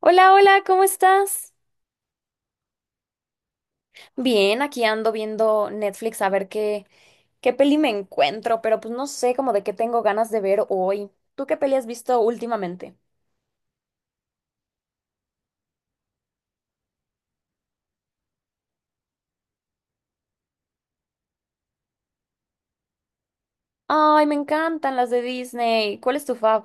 Hola, hola, ¿cómo estás? Bien, aquí ando viendo Netflix a ver qué peli me encuentro, pero pues no sé como de qué tengo ganas de ver hoy. ¿Tú qué peli has visto últimamente? Ay, me encantan las de Disney. ¿Cuál es tu fav?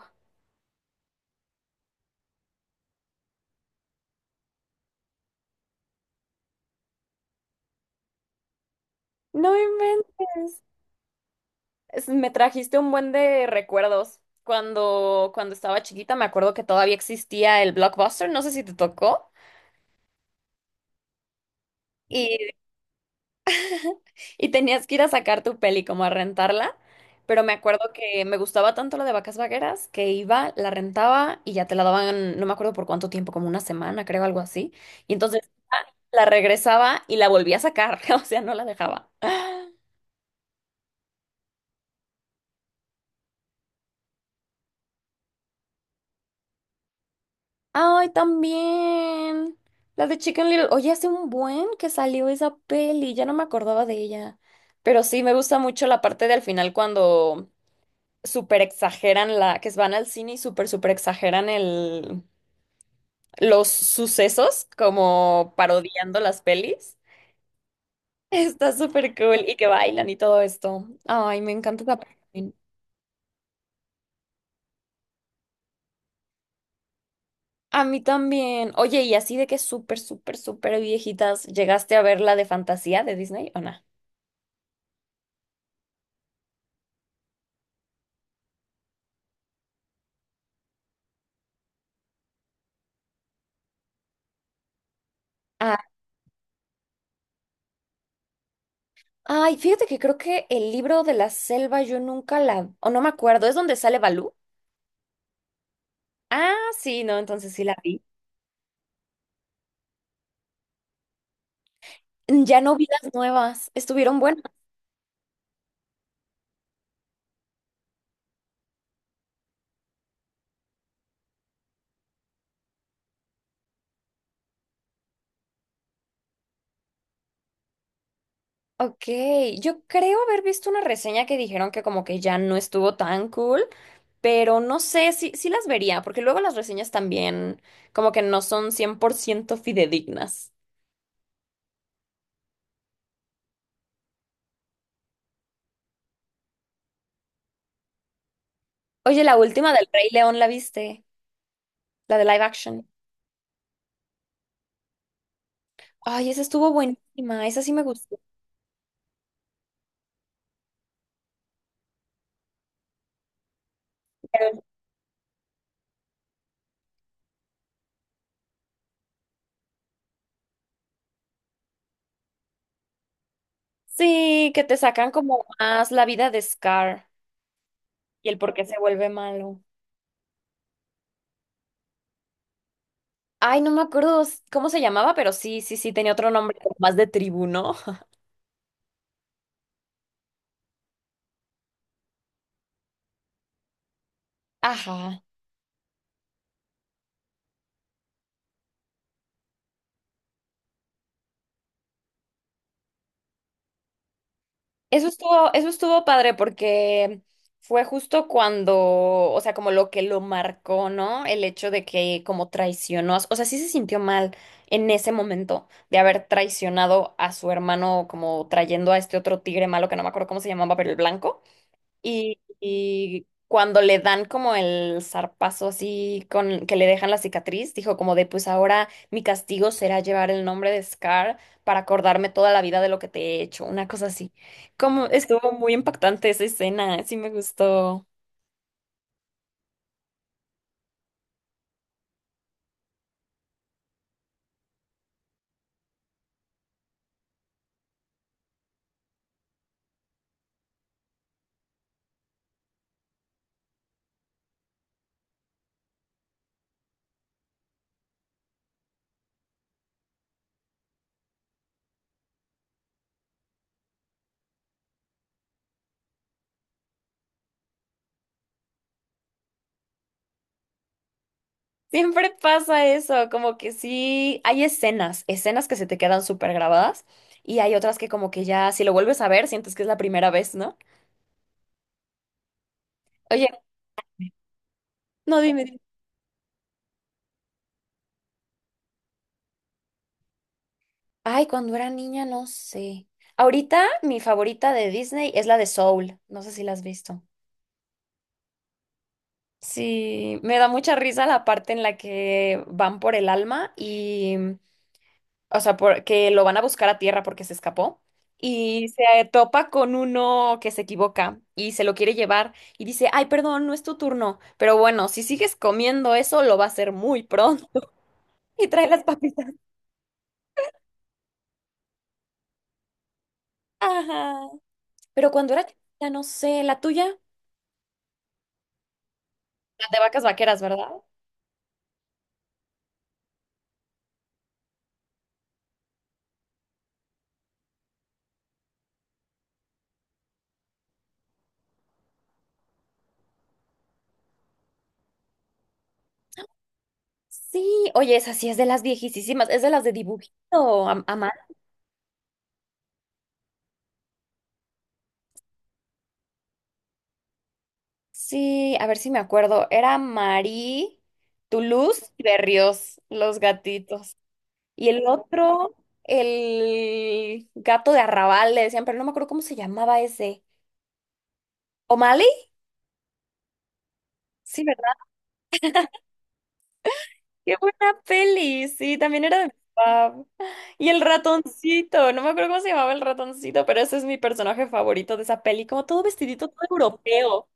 No inventes. Me trajiste un buen de recuerdos. Cuando estaba chiquita me acuerdo que todavía existía el Blockbuster, no sé si te tocó. Y tenías que ir a sacar tu peli, como a rentarla. Pero me acuerdo que me gustaba tanto lo de Vacas Vaqueras que iba, la rentaba y ya te la daban, no me acuerdo por cuánto tiempo, como una semana, creo, algo así. Y entonces ah, la regresaba y la volvía a sacar, o sea, no la dejaba. Ay, también. La de Chicken Little. Oye, hace un buen que salió esa peli, ya no me acordaba de ella. Pero sí, me gusta mucho la parte del final cuando súper exageran la, que van al cine y súper, súper exageran el los sucesos, como parodiando las pelis. Está súper cool y que bailan y todo esto. Ay, me encanta esa parte. A mí también. Oye, y así de que súper, súper, súper viejitas, ¿llegaste a ver la de fantasía de Disney o no? Ah, ay, fíjate que creo que el libro de la selva yo nunca la, o no me acuerdo, ¿es donde sale Balú? Ah, sí, no, entonces sí la vi. Ya no vi las nuevas, estuvieron buenas. Ok, yo creo haber visto una reseña que dijeron que como que ya no estuvo tan cool. Pero no sé, sí, sí las vería, porque luego las reseñas también como que no son 100% fidedignas. Oye, la última del Rey León, ¿la viste? La de live action. Ay, esa estuvo buenísima, esa sí me gustó. Pero sí, que te sacan como más la vida de Scar y el por qué se vuelve malo. Ay, no me acuerdo cómo se llamaba, pero sí, sí, sí, tenía otro nombre, como más de tribuno. Ajá. Eso estuvo padre porque fue justo cuando, o sea, como lo que lo marcó, ¿no? El hecho de que como traicionó, o sea, sí se sintió mal en ese momento de haber traicionado a su hermano como trayendo a este otro tigre malo que no me acuerdo cómo se llamaba, pero el blanco. Y cuando le dan como el zarpazo así con que le dejan la cicatriz, dijo como de pues ahora mi castigo será llevar el nombre de Scar para acordarme toda la vida de lo que te he hecho, una cosa así. Como estuvo muy impactante esa escena, sí me gustó. Siempre pasa eso, como que sí, hay escenas que se te quedan súper grabadas y hay otras que como que ya si lo vuelves a ver sientes que es la primera vez, ¿no? Oye, no, dime. Ay, cuando era niña, no sé. Ahorita mi favorita de Disney es la de Soul. No sé si la has visto. Sí, me da mucha risa la parte en la que van por el alma y, mm, o sea, porque lo van a buscar a tierra porque se escapó y se topa con uno que se equivoca y se lo quiere llevar y dice, ay, perdón, no es tu turno, pero bueno, si sigues comiendo eso lo va a hacer muy pronto y trae las papitas. Ajá. Pero cuando era chiquita, no sé, la tuya, la de Vacas Vaqueras, ¿verdad? Sí, oye, esa sí es de las viejísimas, es de las de dibujito, a mano. Sí, a ver si me acuerdo. Era Marie, Toulouse y Berrios, los gatitos. Y el otro, el gato de Arrabal, le decían, pero no me acuerdo cómo se llamaba ese. ¿O'Malley? Sí, ¿verdad? Qué buena peli, sí, también era de mi papá. Y el ratoncito, no me acuerdo cómo se llamaba el ratoncito, pero ese es mi personaje favorito de esa peli, como todo vestidito, todo europeo.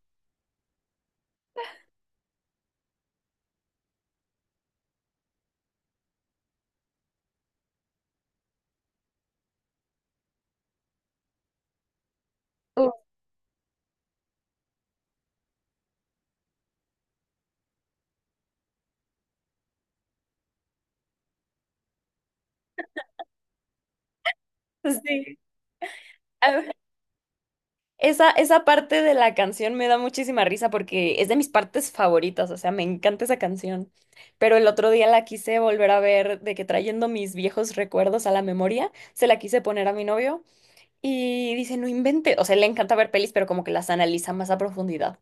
Uf, sí. Esa parte de la canción me da muchísima risa porque es de mis partes favoritas, o sea, me encanta esa canción. Pero el otro día la quise volver a ver, de que trayendo mis viejos recuerdos a la memoria, se la quise poner a mi novio y dice, no inventes, o sea, le encanta ver pelis, pero como que las analiza más a profundidad.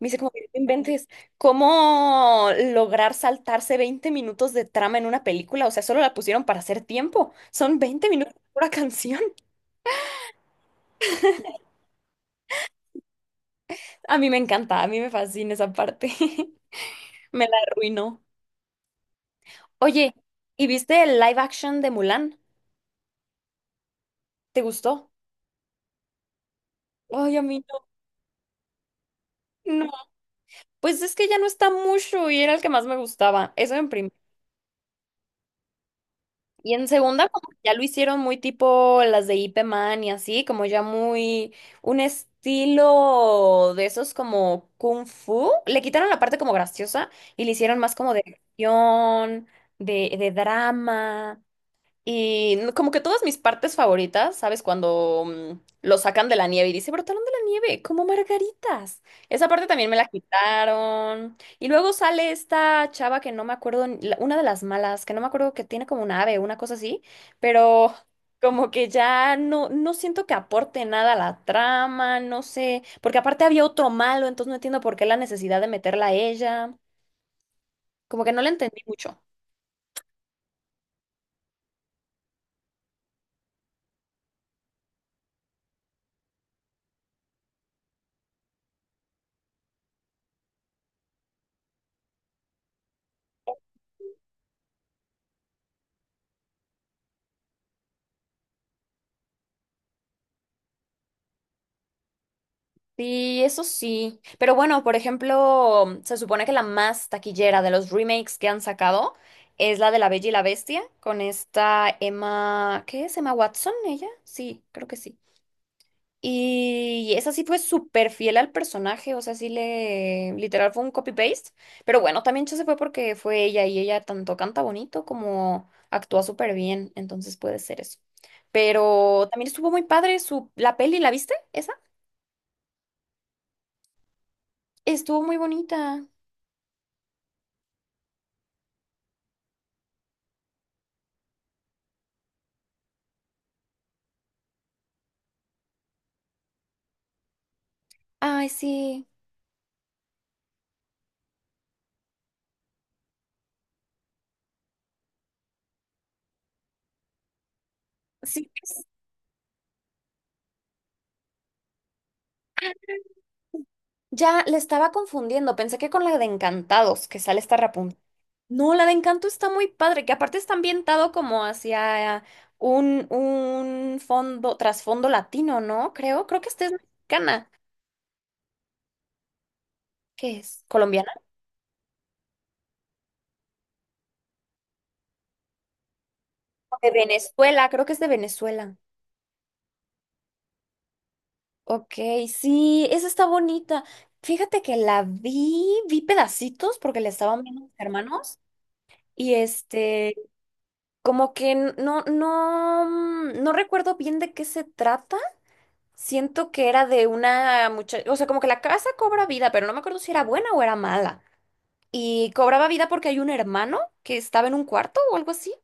Me dice, como, que, no inventes, ¿cómo lograr saltarse 20 minutos de trama en una película? O sea, solo la pusieron para hacer tiempo, son 20 minutos de pura canción. A mí me encanta, a mí me fascina esa parte. Me la arruinó. Oye, ¿y viste el live action de Mulan? ¿Te gustó? Ay, a mí no. No, pues es que ya no está mucho y era el que más me gustaba. Eso en primera. Y en segunda, como que ya lo hicieron muy tipo las de Ip Man y así, como ya muy un estilo de esos como kung fu. Le quitaron la parte como graciosa y le hicieron más como de acción, de drama. Como que todas mis partes favoritas, ¿sabes? Cuando mm, lo sacan de la nieve y dice, brotaron de la nieve, como margaritas. Esa parte también me la quitaron. Y luego sale esta chava que no me acuerdo, una de las malas, que no me acuerdo que tiene como un ave, una cosa así, pero como que ya no, no siento que aporte nada a la trama, no sé, porque aparte había otro malo, entonces no entiendo por qué la necesidad de meterla a ella. Como que no la entendí mucho. Sí, eso sí. Pero bueno, por ejemplo, se supone que la más taquillera de los remakes que han sacado es la de La Bella y la Bestia, con esta Emma, ¿qué es? Emma Watson, ella. Sí, creo que sí. Y esa sí fue súper fiel al personaje, o sea, sí le, literal fue un copy-paste. Pero bueno, también se fue porque fue ella y ella tanto canta bonito como actúa súper bien, entonces puede ser eso. Pero también estuvo muy padre su, la peli, ¿la viste? ¿Esa? Estuvo muy bonita. Ay, sí. Sí, ya le estaba confundiendo. Pensé que con la de Encantados, que sale esta Rapunzel. No, la de Encanto está muy padre, que aparte está ambientado como hacia un fondo, trasfondo latino, ¿no? Creo, creo que esta es mexicana. ¿Qué es? ¿Colombiana? De Venezuela, creo que es de Venezuela. Ok, sí, esa está bonita. Fíjate que la vi, vi pedacitos porque le estaban viendo a mis hermanos y este... Como que no, no, mm, no recuerdo bien de qué se trata. Siento que era de una muchacha, o sea, como que la casa cobra vida, pero no me acuerdo si era buena o era mala. Y cobraba vida porque hay un hermano que estaba en un cuarto o algo así.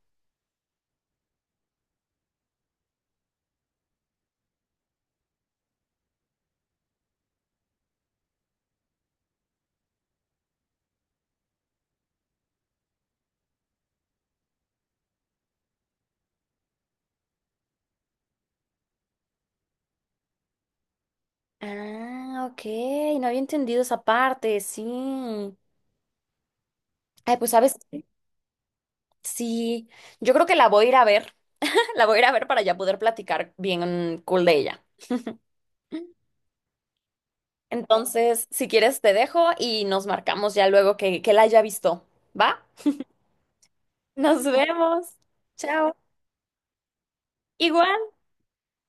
Ah, ok, no había entendido esa parte, sí. Ay, pues sabes, sí, yo creo que la voy a ir a ver, la voy a ir a ver para ya poder platicar bien cool de ella. Entonces, si quieres, te dejo y nos marcamos ya luego que la haya visto. ¿Va? Nos vemos. Chao. Igual.